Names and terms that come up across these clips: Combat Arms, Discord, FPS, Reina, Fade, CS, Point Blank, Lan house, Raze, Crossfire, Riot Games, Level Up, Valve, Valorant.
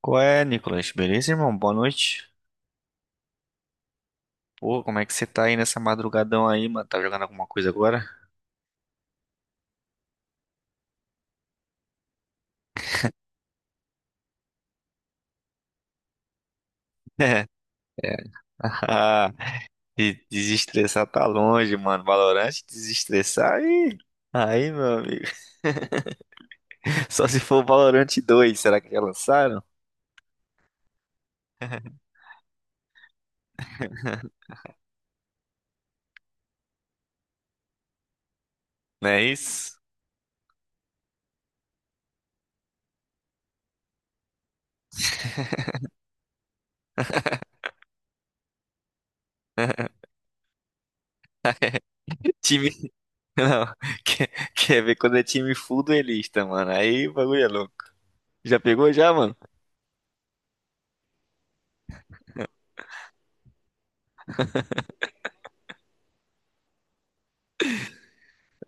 Qual é, Nicolas? Beleza, irmão? Boa noite. Pô, como é que você tá aí nessa madrugadão aí, mano? Tá jogando alguma coisa agora? É. Ah, e desestressar tá longe, mano. Valorant, desestressar aí. Aí, meu amigo. Só se for Valorant dois, será que já lançaram? Não é isso? Time. Não. Quer, quer ver quando é time full duelista, mano? Aí o bagulho é louco. Já pegou já, mano?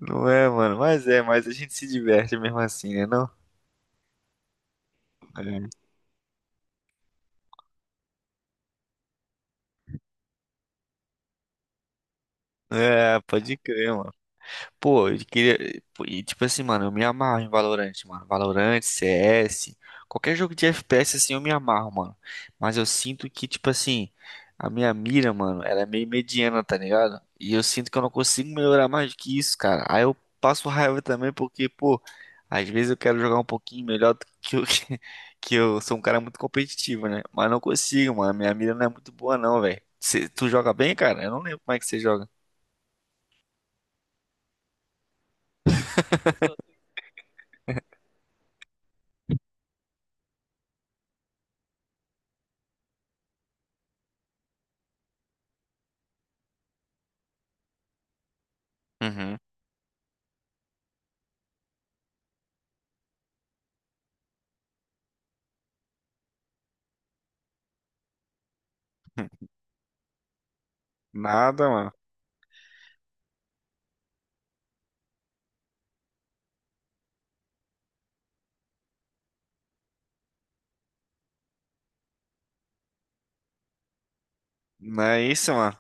Não é, mano. Mas é, mas a gente se diverte mesmo assim, né, não? É. É, pode crer, mano. Pô, eu queria. Pô, e tipo assim, mano, eu me amarro em Valorant, mano. Valorant, CS, qualquer jogo de FPS assim eu me amarro, mano. Mas eu sinto que, tipo assim, a minha mira, mano, ela é meio mediana, tá ligado? E eu sinto que eu não consigo melhorar mais do que isso, cara. Aí eu passo raiva também porque, pô, às vezes eu quero jogar um pouquinho melhor do que eu, que eu sou um cara muito competitivo, né? Mas não consigo, mano. Minha mira não é muito boa, não, velho. Tu joga bem, cara? Eu não lembro como é que você joga. Uhum. Nada, mano. Não é isso, mano.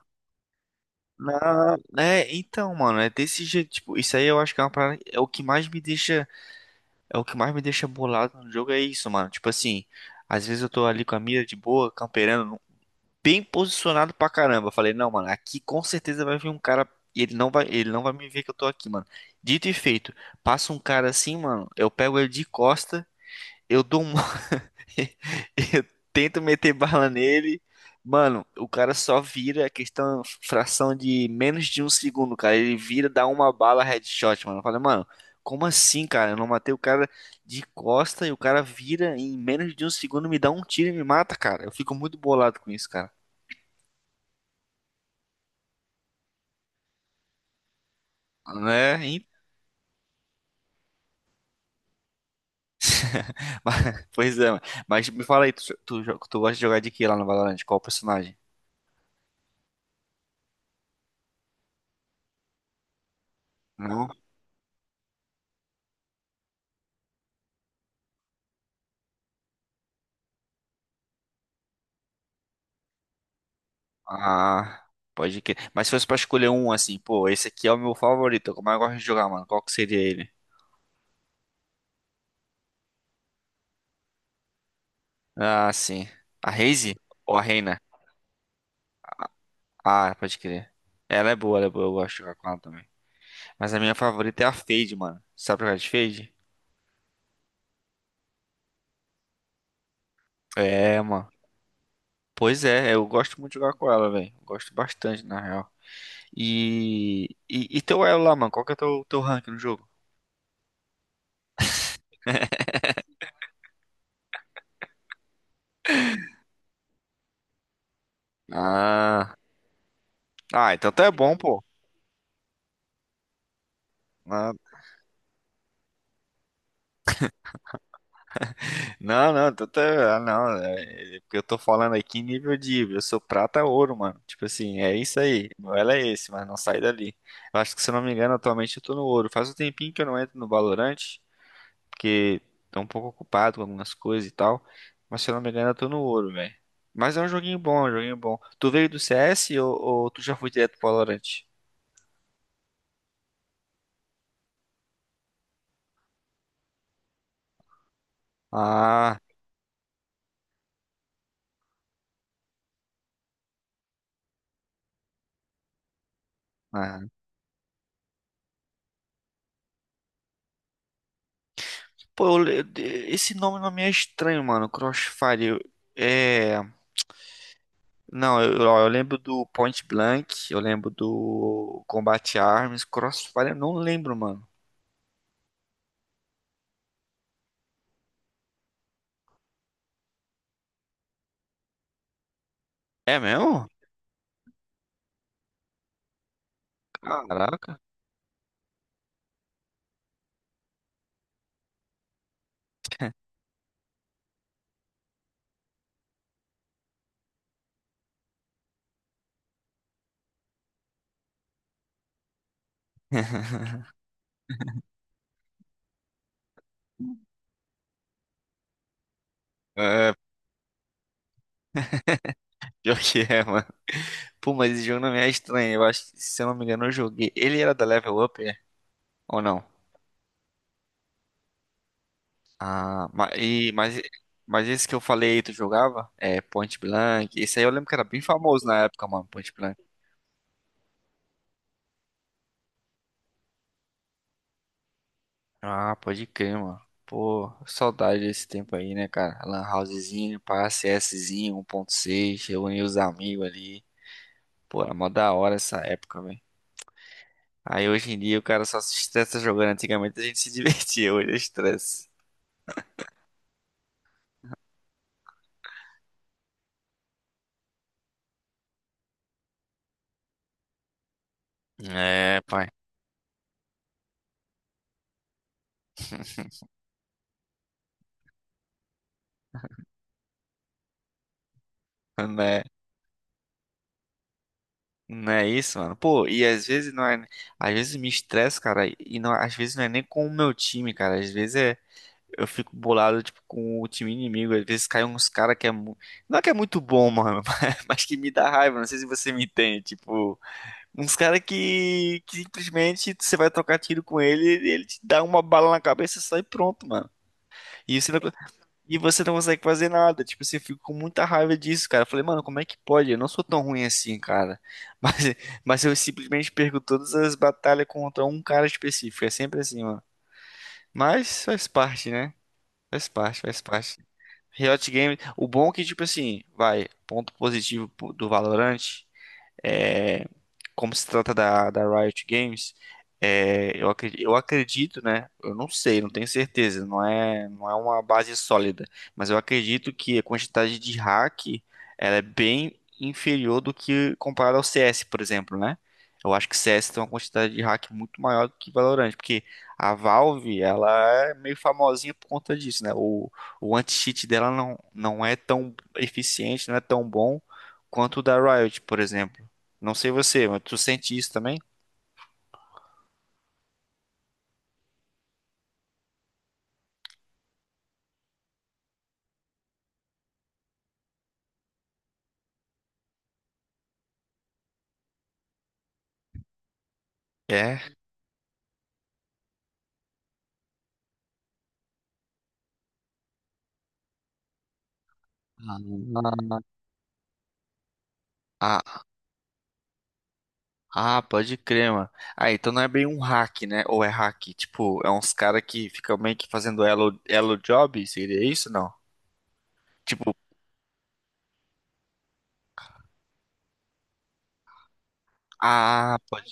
Não, é, então, mano, é desse jeito, tipo, isso aí eu acho que é uma parada, é o que mais me deixa, é o que mais me deixa bolado no jogo, é isso, mano. Tipo assim, às vezes eu tô ali com a mira de boa, camperando, bem posicionado pra caramba. Eu falei, não, mano, aqui com certeza vai vir um cara e ele não vai me ver que eu tô aqui, mano. Dito e feito, passa um cara assim, mano, eu pego ele de costa, eu dou um eu tento meter bala nele. Mano, o cara só vira questão, fração de menos de um segundo, cara. Ele vira, dá uma bala headshot, mano. Eu falei, mano, como assim, cara? Eu não matei o cara de costa e o cara vira em menos de um segundo, me dá um tiro e me mata, cara. Eu fico muito bolado com isso, cara. Né? Hein? Pois é, mano. Mas me fala aí, tu gosta de jogar de que lá no Valorant? Qual personagem? Não? Ah, pode que. Mas se fosse pra escolher um assim, pô, esse aqui é o meu favorito, como eu gosto de jogar, mano. Qual que seria ele? Ah, sim. A Raze ou a Reina? Ah, pode crer. Ela é boa, eu gosto de jogar com ela também. Mas a minha favorita é a Fade, mano. Sabe jogar de Fade? É, mano. Pois é, eu gosto muito de jogar com ela, velho. Gosto bastante, na real. E teu elo lá, mano? Qual que é teu rank no jogo? Ah. Ah, então tu é bom, pô. Ah. Não, não, tô, tô- ah, não, é, é porque eu tô falando aqui em nível de, eu sou prata ouro, mano. Tipo assim, é isso aí. Meu elo é esse, mas não sai dali. Eu acho que se eu não me engano, atualmente eu tô no ouro. Faz um tempinho que eu não entro no Valorant, porque tô um pouco ocupado com algumas coisas e tal. Mas se eu não me engano, eu tô no ouro, velho. Mas é um joguinho bom, é um joguinho bom. Tu veio do CS ou tu já foi direto pro Valorant? Ah, ah. Pô, esse nome não me é estranho, mano. É. Não, eu, ó, eu lembro do Point Blank, eu lembro do Combat Arms, Crossfire, eu não lembro, mano. É mesmo? Caraca. É, pior que é, mano. Pô, mas esse jogo não me é estranho. Eu acho que, se eu não me engano, eu joguei. Ele era da Level Up, é? Ou não? Ah, ma- e- mas, esse que eu falei, tu jogava? É, Point Blank. Esse aí eu lembro que era bem famoso na época, mano, Point Blank. Ah, pode crer, mano. Pô, saudade desse tempo aí, né, cara? Lan housezinho, pá, CSzinho, 1.6, reunir os amigos ali. Pô, era mó da hora essa época, velho. Aí hoje em dia o cara só se estressa jogando. Antigamente a gente se divertia, hoje é estresse. É, pai. Não é, não é isso, mano. Pô, e às vezes não é. Às vezes me estresso, cara, e não, às vezes não é nem com o meu time, cara. Às vezes é. Eu fico bolado, tipo, com o time inimigo. Às vezes caem uns cara que é. Mu- Não é que é muito bom, mano, mas que me dá raiva. Não sei se você me entende. Tipo, uns cara que simplesmente você vai trocar tiro com ele, ele te dá uma bala na cabeça e sai pronto, mano. E você não, e você não consegue fazer nada. Tipo, assim, eu fico com muita raiva disso, cara. Eu falei, mano, como é que pode? Eu não sou tão ruim assim, cara. Mas, mas eu simplesmente perco todas as batalhas contra um cara específico. É sempre assim, mano. Mas faz parte, né? Faz parte, faz parte. Riot Games, o bom é que, tipo assim, vai, ponto positivo do Valorant, é, como se trata da Riot Games, é, né? Eu não sei, não tenho certeza, não é uma base sólida, mas eu acredito que a quantidade de hack ela é bem inferior do que comparado ao CS, por exemplo, né? Eu acho que CS tem uma quantidade de hack muito maior do que Valorant, porque a Valve, ela é meio famosinha por conta disso, né? O anti-cheat dela não é tão eficiente, não é tão bom quanto o da Riot, por exemplo. Não sei você, mas tu sente isso também? É. Ah, ah, pode crer, mano. Ah, então não é bem um hack, né? Ou é hack? Tipo, é uns cara que ficam meio que fazendo elo, elo job? Seria isso, não? Ah, pode.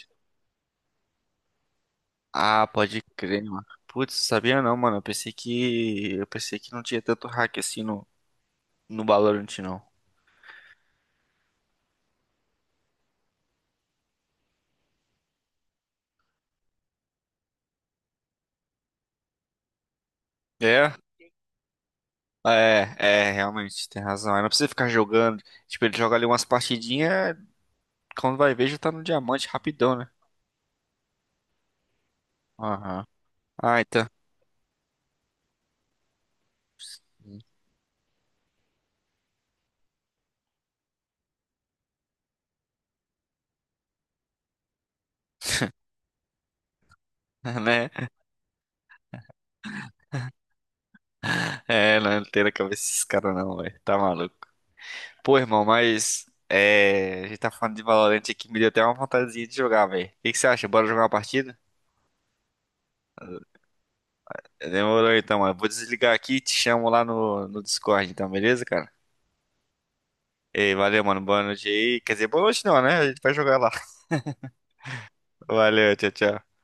Ah, pode crer, mano. Putz, sabia não, mano. Eu pensei que. Eu pensei que não tinha tanto hack assim no, no Valorant, não. É? É, realmente, tem razão. Aí não precisa ficar jogando. Tipo, ele joga ali umas partidinhas, quando vai ver, já tá no diamante rapidão, né? Aham. Ai, tá. Né? É, não tem na cabeça esses caras não, velho. Tá maluco. Pô, irmão, mas. É. A gente tá falando de Valorant aqui, me deu até uma vontadezinha de jogar, velho. O que que você acha? Bora jogar uma partida? Demorou então, mano. Vou desligar aqui e te chamo lá no Discord, então, beleza, cara? Ei, valeu, mano. Boa noite aí. Quer dizer, boa noite não, né? A gente vai jogar lá. Valeu, tchau, tchau.